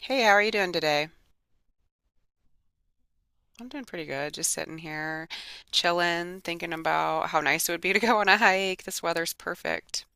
Hey, how are you doing today? I'm doing pretty good. Just sitting here, chilling, thinking about how nice it would be to go on a hike. This weather's perfect.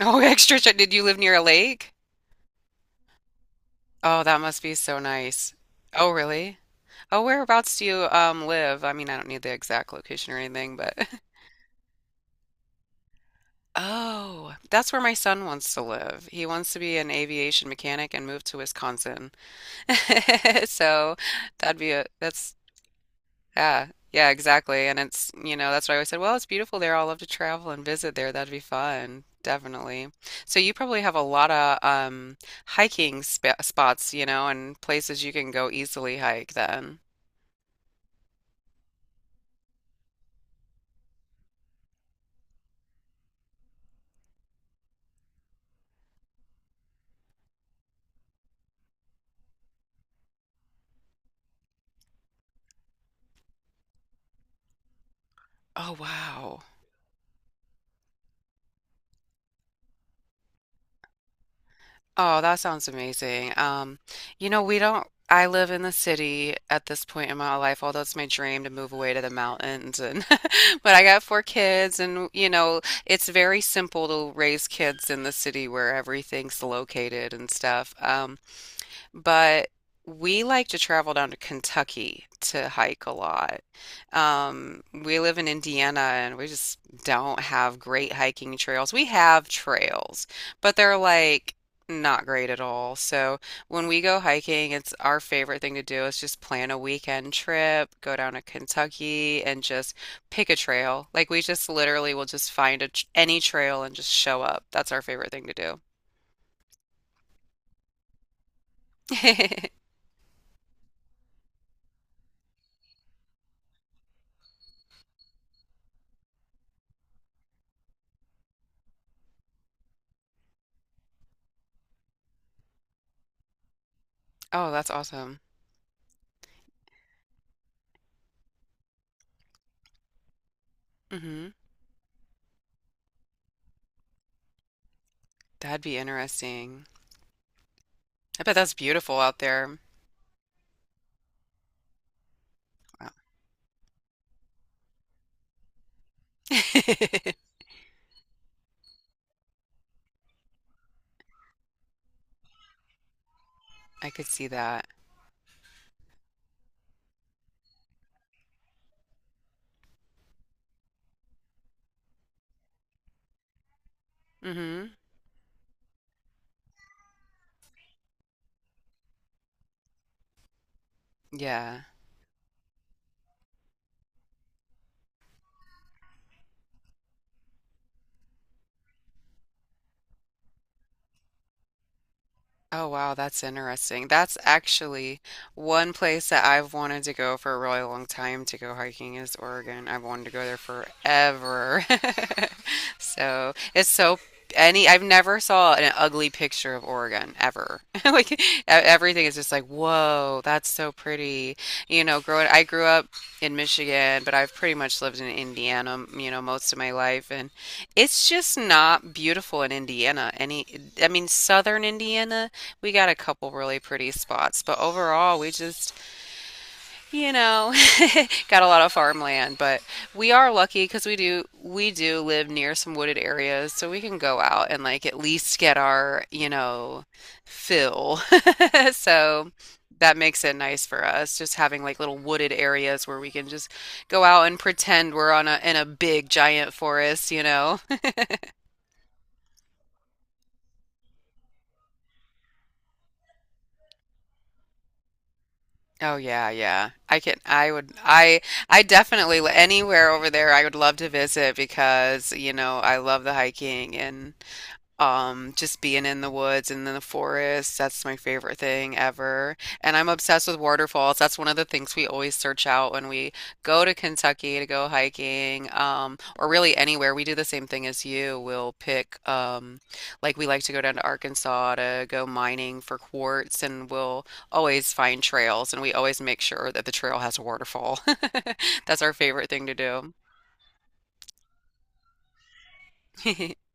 Oh, extra shit. Did you live near a lake? Oh, that must be so nice. Oh, really? Oh, whereabouts do you live? I mean, I don't need the exact location or anything, but Oh, that's where my son wants to live. He wants to be an aviation mechanic and move to Wisconsin. So that'd be a that's yeah, yeah, exactly. And that's why I always said, well, it's beautiful there. I'll love to travel and visit there. That'd be fun. Definitely. So you probably have a lot of hiking sp spots, and places you can go easily hike then. Oh, wow. Oh, that sounds amazing. You know, we don't, I live in the city at this point in my life, although it's my dream to move away to the mountains and but I got four kids and it's very simple to raise kids in the city where everything's located and stuff. But we like to travel down to Kentucky to hike a lot. We live in Indiana and we just don't have great hiking trails. We have trails, but they're like not great at all. So when we go hiking, it's our favorite thing to do is just plan a weekend trip, go down to Kentucky and just pick a trail. Like we just literally will just find a, any trail and just show up. That's our favorite thing to do. Oh, that's awesome. Hmm. That'd be interesting. I bet that's beautiful out there. Wow. I could see that. Hmm. Yeah. Oh, wow, that's interesting. That's actually one place that I've wanted to go for a really long time to go hiking is Oregon. I've wanted to go there forever. So it's so any I've never saw an ugly picture of Oregon ever. Like everything is just like, whoa, that's so pretty. Growing I grew up in Michigan, but I've pretty much lived in Indiana, most of my life, and it's just not beautiful in Indiana. I mean, southern Indiana, we got a couple really pretty spots, but overall, we just, you know, got a lot of farmland. But we are lucky because we do live near some wooded areas, so we can go out and like at least get our, fill. So that makes it nice for us, just having like little wooded areas where we can just go out and pretend we're on a in a big giant forest, you know. Oh yeah, yeah. I definitely anywhere over there I would love to visit because, I love the hiking and just being in the woods and in the forest, that's my favorite thing ever. And I'm obsessed with waterfalls. That's one of the things we always search out when we go to Kentucky to go hiking, or really anywhere. We do the same thing as you. We'll pick, like we like to go down to Arkansas to go mining for quartz, and we'll always find trails, and we always make sure that the trail has a waterfall. That's our favorite thing to do.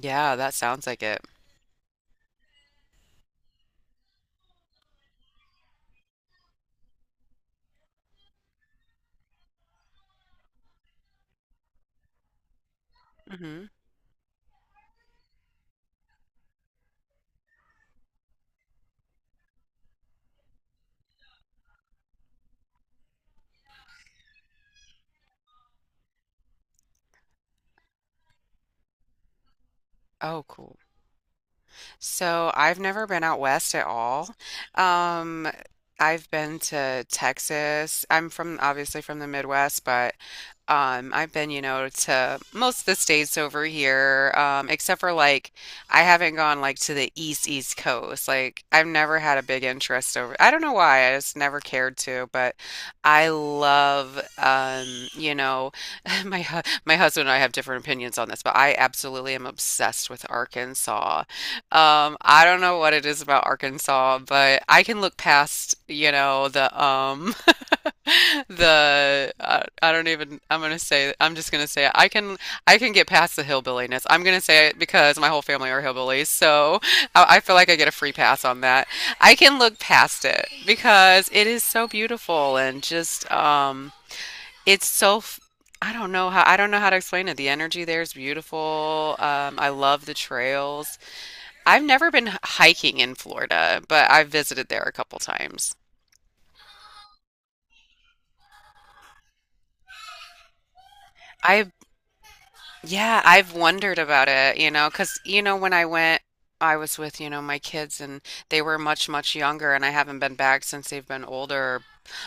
Yeah, that sounds like it. Hmm. Oh, cool. So I've never been out west at all. Um, I've been to Texas. I'm from obviously from the Midwest, but I've been, to most of the states over here, except for like I haven't gone like to the east coast. Like I've never had a big interest over. I don't know why. I just never cared to, but I love, you know, my my husband and I have different opinions on this, but I absolutely am obsessed with Arkansas. I don't know what it is about Arkansas, but I can look past, the the I don't even I'm just gonna say it. I can get past the hillbilliness. I'm gonna say it because my whole family are hillbillies, so I feel like I get a free pass on that. I can look past it because it is so beautiful and just it's so f- I don't know how to explain it. The energy there is beautiful. I love the trails. I've never been hiking in Florida, but I've visited there a couple times. I've, yeah, I've wondered about it, because, when I went, I was with, my kids and they were much, much younger, and I haven't been back since they've been older.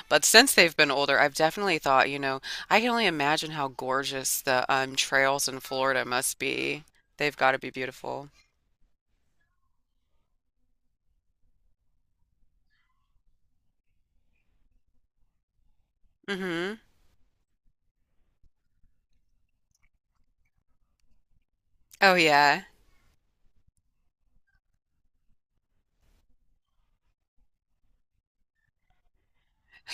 But since they've been older, I've definitely thought, I can only imagine how gorgeous the trails in Florida must be. They've got to be beautiful. Hmm. Oh, yeah.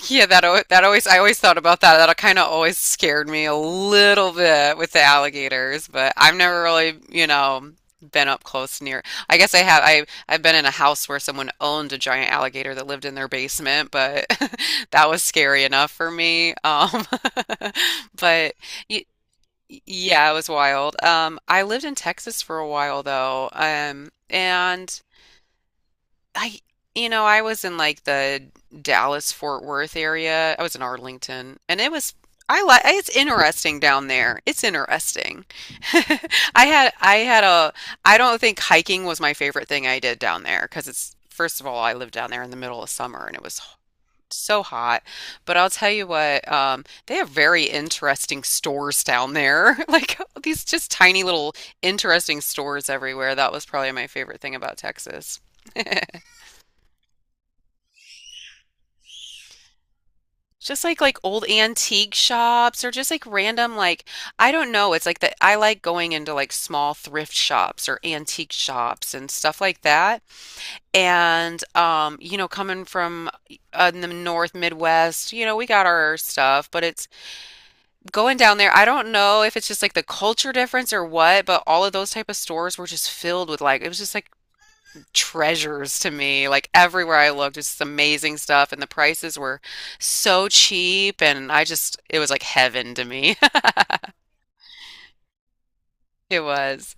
Yeah, that always I always thought about that. That kind of always scared me a little bit with the alligators, but I've never really, been up close near. I guess I have. I've been in a house where someone owned a giant alligator that lived in their basement, but that was scary enough for me. But y yeah, it was wild. I lived in Texas for a while though, and. I, you know, I was in like the Dallas Fort Worth area. I was in Arlington, and it was I like it's interesting down there. It's interesting. I had a I don't think hiking was my favorite thing I did down there because it's first of all I lived down there in the middle of summer and it was so hot. But I'll tell you what, they have very interesting stores down there. Like these just tiny little interesting stores everywhere. That was probably my favorite thing about Texas. Just like old antique shops or just like random like I don't know. It's like that I like going into like small thrift shops or antique shops and stuff like that. And coming from in the North Midwest, we got our stuff, but it's going down there. I don't know if it's just like the culture difference or what, but all of those type of stores were just filled with like it was just like treasures to me. Like everywhere I looked, it's amazing stuff, and the prices were so cheap, and I just it was like heaven to me. It was.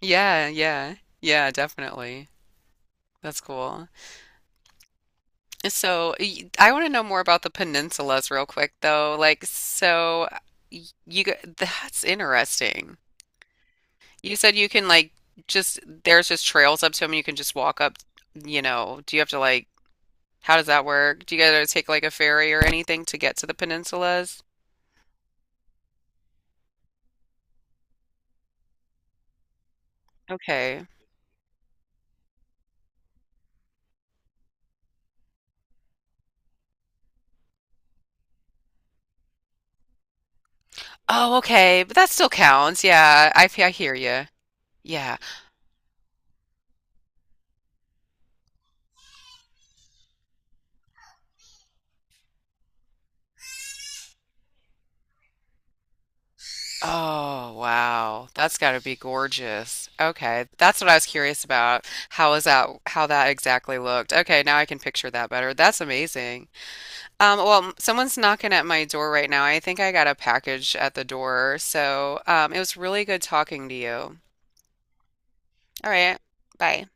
Yeah, yeah. Yeah, definitely. That's cool. So, I want to know more about the peninsulas real quick though. Like so that's interesting. You said you can like just there's just trails up to them and you can just walk up, you know. Do you have to like how does that work? Do you guys take like a ferry or anything to get to the peninsulas? Okay. Oh, okay. But that still counts. Yeah, I hear you. Yeah. Oh, wow. That's got to be gorgeous. Okay. That's what I was curious about. How is that, how that exactly looked? Okay, now I can picture that better. That's amazing. Well, someone's knocking at my door right now. I think I got a package at the door. So, it was really good talking to you. All right. Bye.